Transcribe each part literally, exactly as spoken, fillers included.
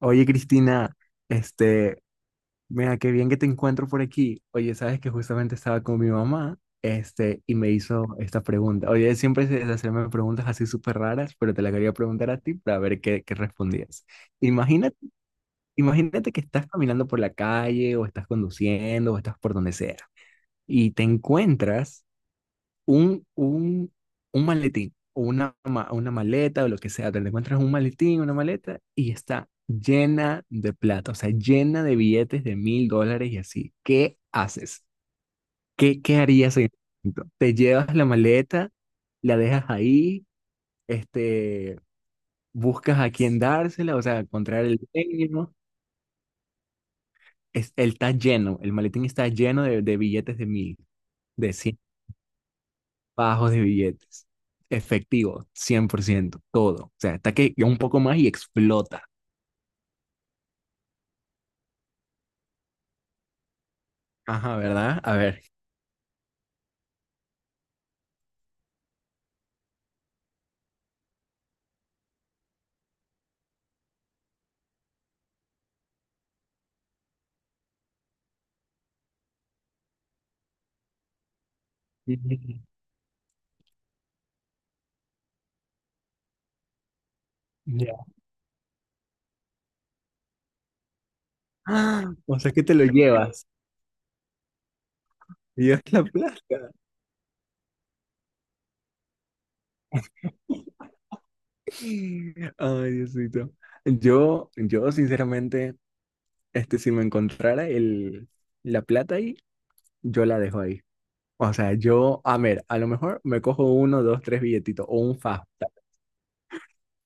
Oye, Cristina, este, mira, qué bien que te encuentro por aquí. Oye, sabes que justamente estaba con mi mamá, este, y me hizo esta pregunta. Oye, ella siempre se se hacerme preguntas así súper raras, pero te la quería preguntar a ti para ver qué, qué respondías. Imagínate, imagínate que estás caminando por la calle, o estás conduciendo, o estás por donde sea, y te encuentras un, un, un maletín o una, ma- una maleta o lo que sea, te encuentras un maletín, una maleta y está llena de plata, o sea, llena de billetes de mil dólares y así. ¿Qué haces? ¿Qué, qué harías en ese momento? ¿Te llevas la maleta, la dejas ahí, este, buscas a quién dársela, o sea, encontrar el dueño? Es, él está lleno, el maletín está lleno de, de billetes de mil, de cien. Bajos de billetes. Efectivo, cien por ciento, todo. O sea, está que un poco más y explota. Ajá, ¿verdad? A ver. Ya. Ah, o sea que te lo llevas. Dios la plata. Ay, Diosito. Yo, yo sinceramente, este, si me encontrara el, la plata ahí, yo la dejo ahí. O sea, yo, a ver, a lo mejor me cojo uno, dos, tres billetitos o un fajo.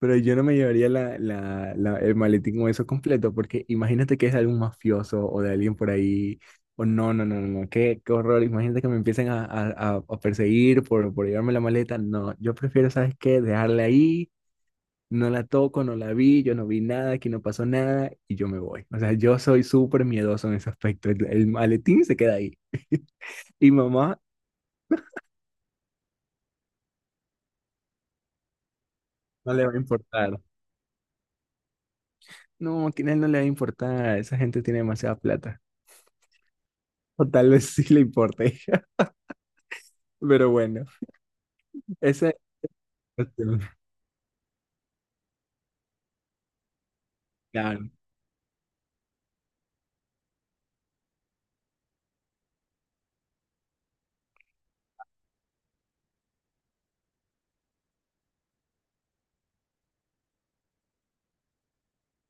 Pero yo no me llevaría la, la- la- el maletín o eso completo, porque imagínate que es de algún mafioso o de alguien por ahí. O no, no, no, no, no, qué, qué horror. Imagínate que me empiecen a, a- a- a perseguir por, por llevarme la maleta. No, yo prefiero, ¿sabes qué? Dejarla ahí, no la toco, no la vi, yo no vi nada, aquí no pasó nada y yo me voy. O sea, yo soy súper miedoso en ese aspecto. El, el maletín se queda ahí. Y mamá no le va a importar. No, a él no le va a importar. Esa gente tiene demasiada plata. O tal vez sí le importe. Pero bueno, ese... Claro.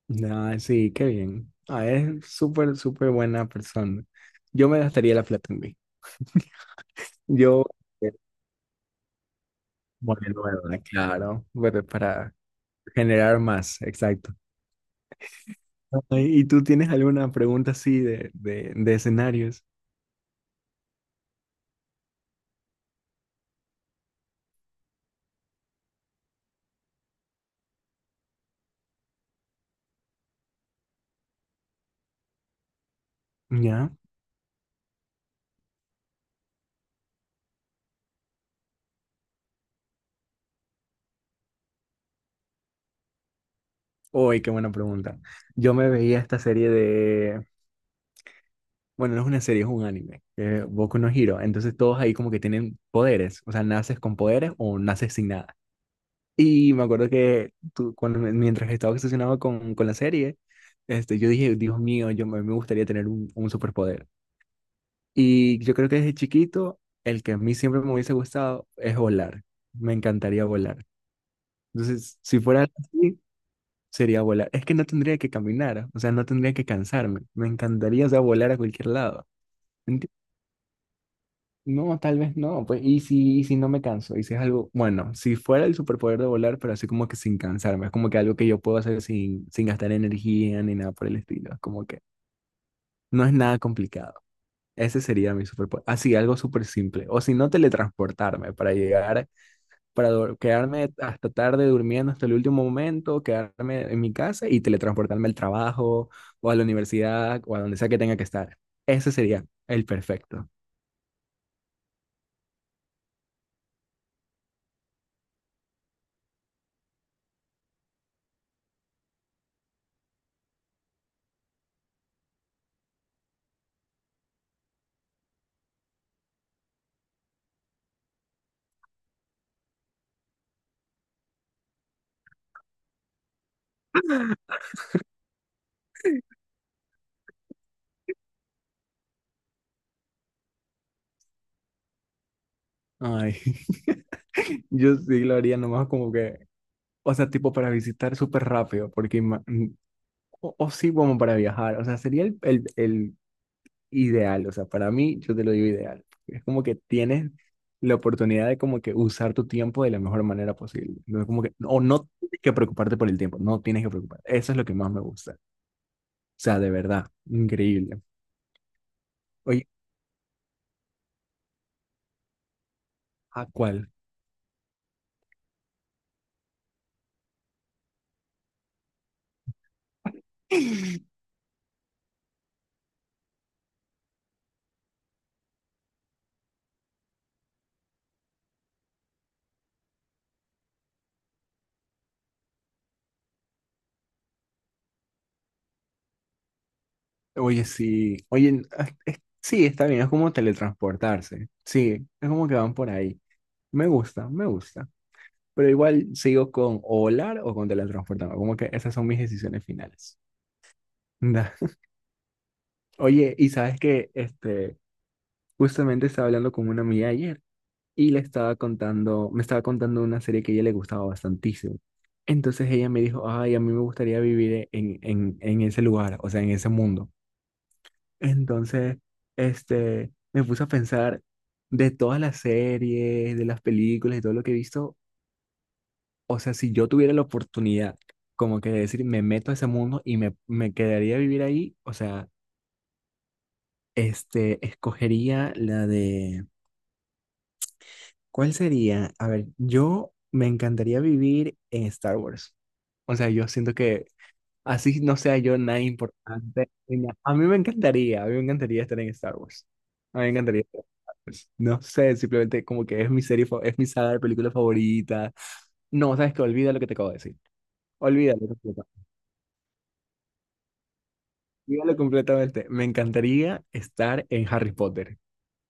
No, sí, qué bien. Ah, es súper, súper buena persona. Yo me gastaría la plata en mí. Yo... eh, bueno, bueno, claro, pero para generar más, exacto. Ay, ¿y tú tienes alguna pregunta así de, de, de escenarios? ¿Ya? Uy, qué buena pregunta. Yo me veía esta serie de... Bueno, no es una serie, es un anime, que es Boku no Hero. Entonces todos ahí como que tienen poderes. O sea, naces con poderes o naces sin nada. Y me acuerdo que tú, cuando, me- mientras estaba obsesionado con, con la serie, este, yo dije, Dios mío, yo me, me gustaría tener un, un superpoder. Y yo creo que desde chiquito, el que a mí siempre me hubiese gustado es volar. Me encantaría volar. Entonces, si fuera así, sería volar. Es que no tendría que caminar, o sea, no tendría que cansarme. Me encantaría, o sea, volar a cualquier lado. No, tal vez no, pues, y si, y si no me canso, y si es algo, bueno, si fuera el superpoder de volar, pero así como que sin cansarme, es como que algo que yo puedo hacer sin, sin gastar energía ni nada por el estilo, es como que no es nada complicado. Ese sería mi superpoder, así, algo súper simple, o si no, teletransportarme para llegar, para dor- quedarme hasta tarde durmiendo hasta el último momento, quedarme en mi casa y teletransportarme al trabajo, o a la universidad, o a donde sea que tenga que estar. Ese sería el perfecto. Ay, yo sí lo haría nomás como que, o sea, tipo para visitar súper rápido, porque, ima- mm, o, o sí como para viajar, o sea, sería el, el, el ideal, o sea, para mí yo te lo digo ideal, es como que tienes la oportunidad de como que usar tu tiempo de la mejor manera posible, no es como que, o no tienes que preocuparte por el tiempo, no tienes que preocuparte, eso es lo que más me gusta, o sea, de verdad, increíble. Oye, ¿a cuál? Oye, sí. Oye, ah, es- sí, está bien. Es como teletransportarse. Sí, es como que van por ahí. Me gusta, me gusta. Pero igual sigo con o volar o con teletransportarme. Como que esas son mis decisiones finales. Da. Oye, y sabes que este, justamente estaba hablando con una amiga ayer y le estaba contando, me estaba contando una serie que a ella le gustaba bastantísimo. Entonces ella me dijo, ay, a mí me gustaría vivir en, en, en ese lugar, o sea, en ese mundo. Entonces, este, me puse a pensar de todas las series, de las películas y todo lo que he visto, o sea, si yo tuviera la oportunidad como que de decir, me meto a ese mundo y me, me quedaría a vivir ahí, o sea, este, escogería la de, ¿cuál sería? A ver, yo me encantaría vivir en Star Wars. O sea, yo siento que así no sea yo nada importante ni nada. A mí me encantaría, a mí me encantaría estar en Star Wars. A mí me encantaría estar en Star Wars. No sé, simplemente como que es mi serie, fa- es mi saga de película favorita. No, sabes que olvida lo que te acabo de decir. Olvídalo completamente. Olvídalo completamente. Me encantaría estar en Harry Potter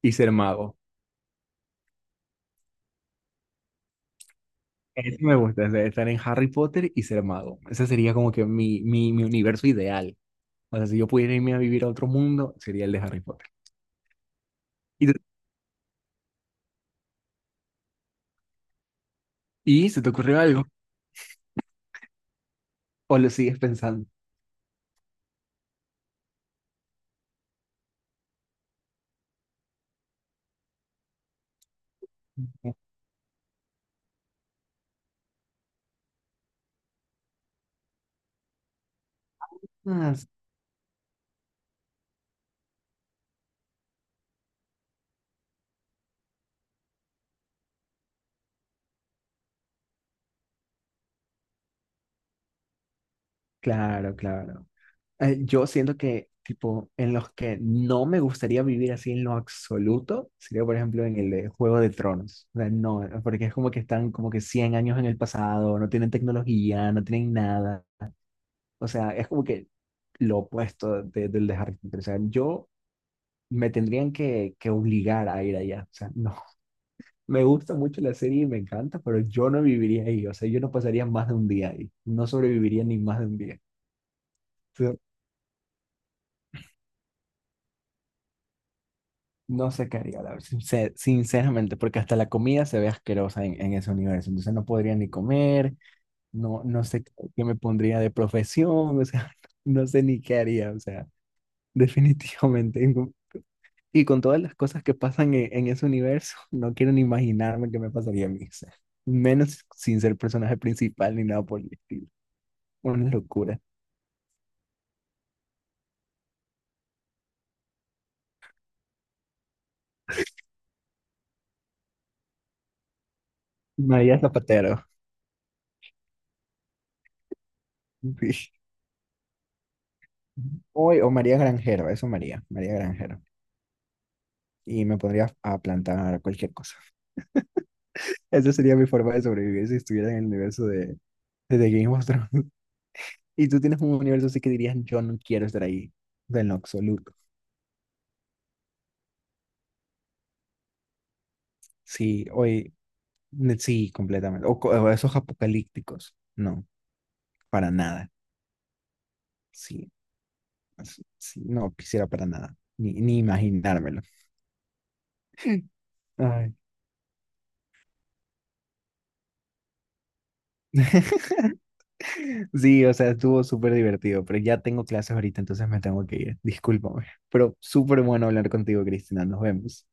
y ser mago. Eso me gusta, o sea, estar en Harry Potter y ser mago. Ese sería como que mi, mi, mi universo ideal. O sea, si yo pudiera irme a vivir a otro mundo, sería el de Harry Potter. ¿Y, te- y se te ocurrió algo? ¿O lo sigues pensando? Ah, claro, claro. Eh, yo siento que, tipo, en los que no me gustaría vivir así en lo absoluto, sería, por ejemplo, en el de Juego de Tronos. O sea, no, porque es como que están como que cien años en el pasado, no tienen tecnología, no tienen nada. O sea, es como que lo opuesto de- del de Harry Potter. O sea, yo me tendrían que, que obligar a ir allá. O sea, no. Me gusta mucho la serie y me encanta, pero yo no viviría ahí. O sea, yo no pasaría más de un día ahí. No sobreviviría ni más de un día. No sé qué haría, la verdad, sincer- sinceramente, porque hasta la comida se ve asquerosa en, en ese universo. Entonces no podría ni comer, no, no sé qué qué me pondría de profesión, o sea, no sé ni qué haría, o sea, definitivamente no. Y con todas las cosas que pasan en, en ese universo, no quiero ni imaginarme qué me pasaría a mí, o sea, menos sin ser personaje principal ni nada por el estilo. Una locura. María Zapatero. Sí. Hoy, o María Granjero, eso María, María Granjero. Y me podría a plantar cualquier cosa. Esa sería mi forma de sobrevivir si estuviera en el universo de, de The Game of Thrones. Y tú tienes un universo así que dirías, yo no quiero estar ahí, de en lo absoluto. Sí, hoy, ne- sí, completamente. O, co- o esos apocalípticos, no, para nada. Sí, así- sí, no quisiera para nada, ni, ni imaginármelo. Ay. Sí, o sea, estuvo súper divertido, pero ya tengo clases ahorita, entonces me tengo que ir. Discúlpame, pero súper bueno hablar contigo, Cristina. Nos vemos.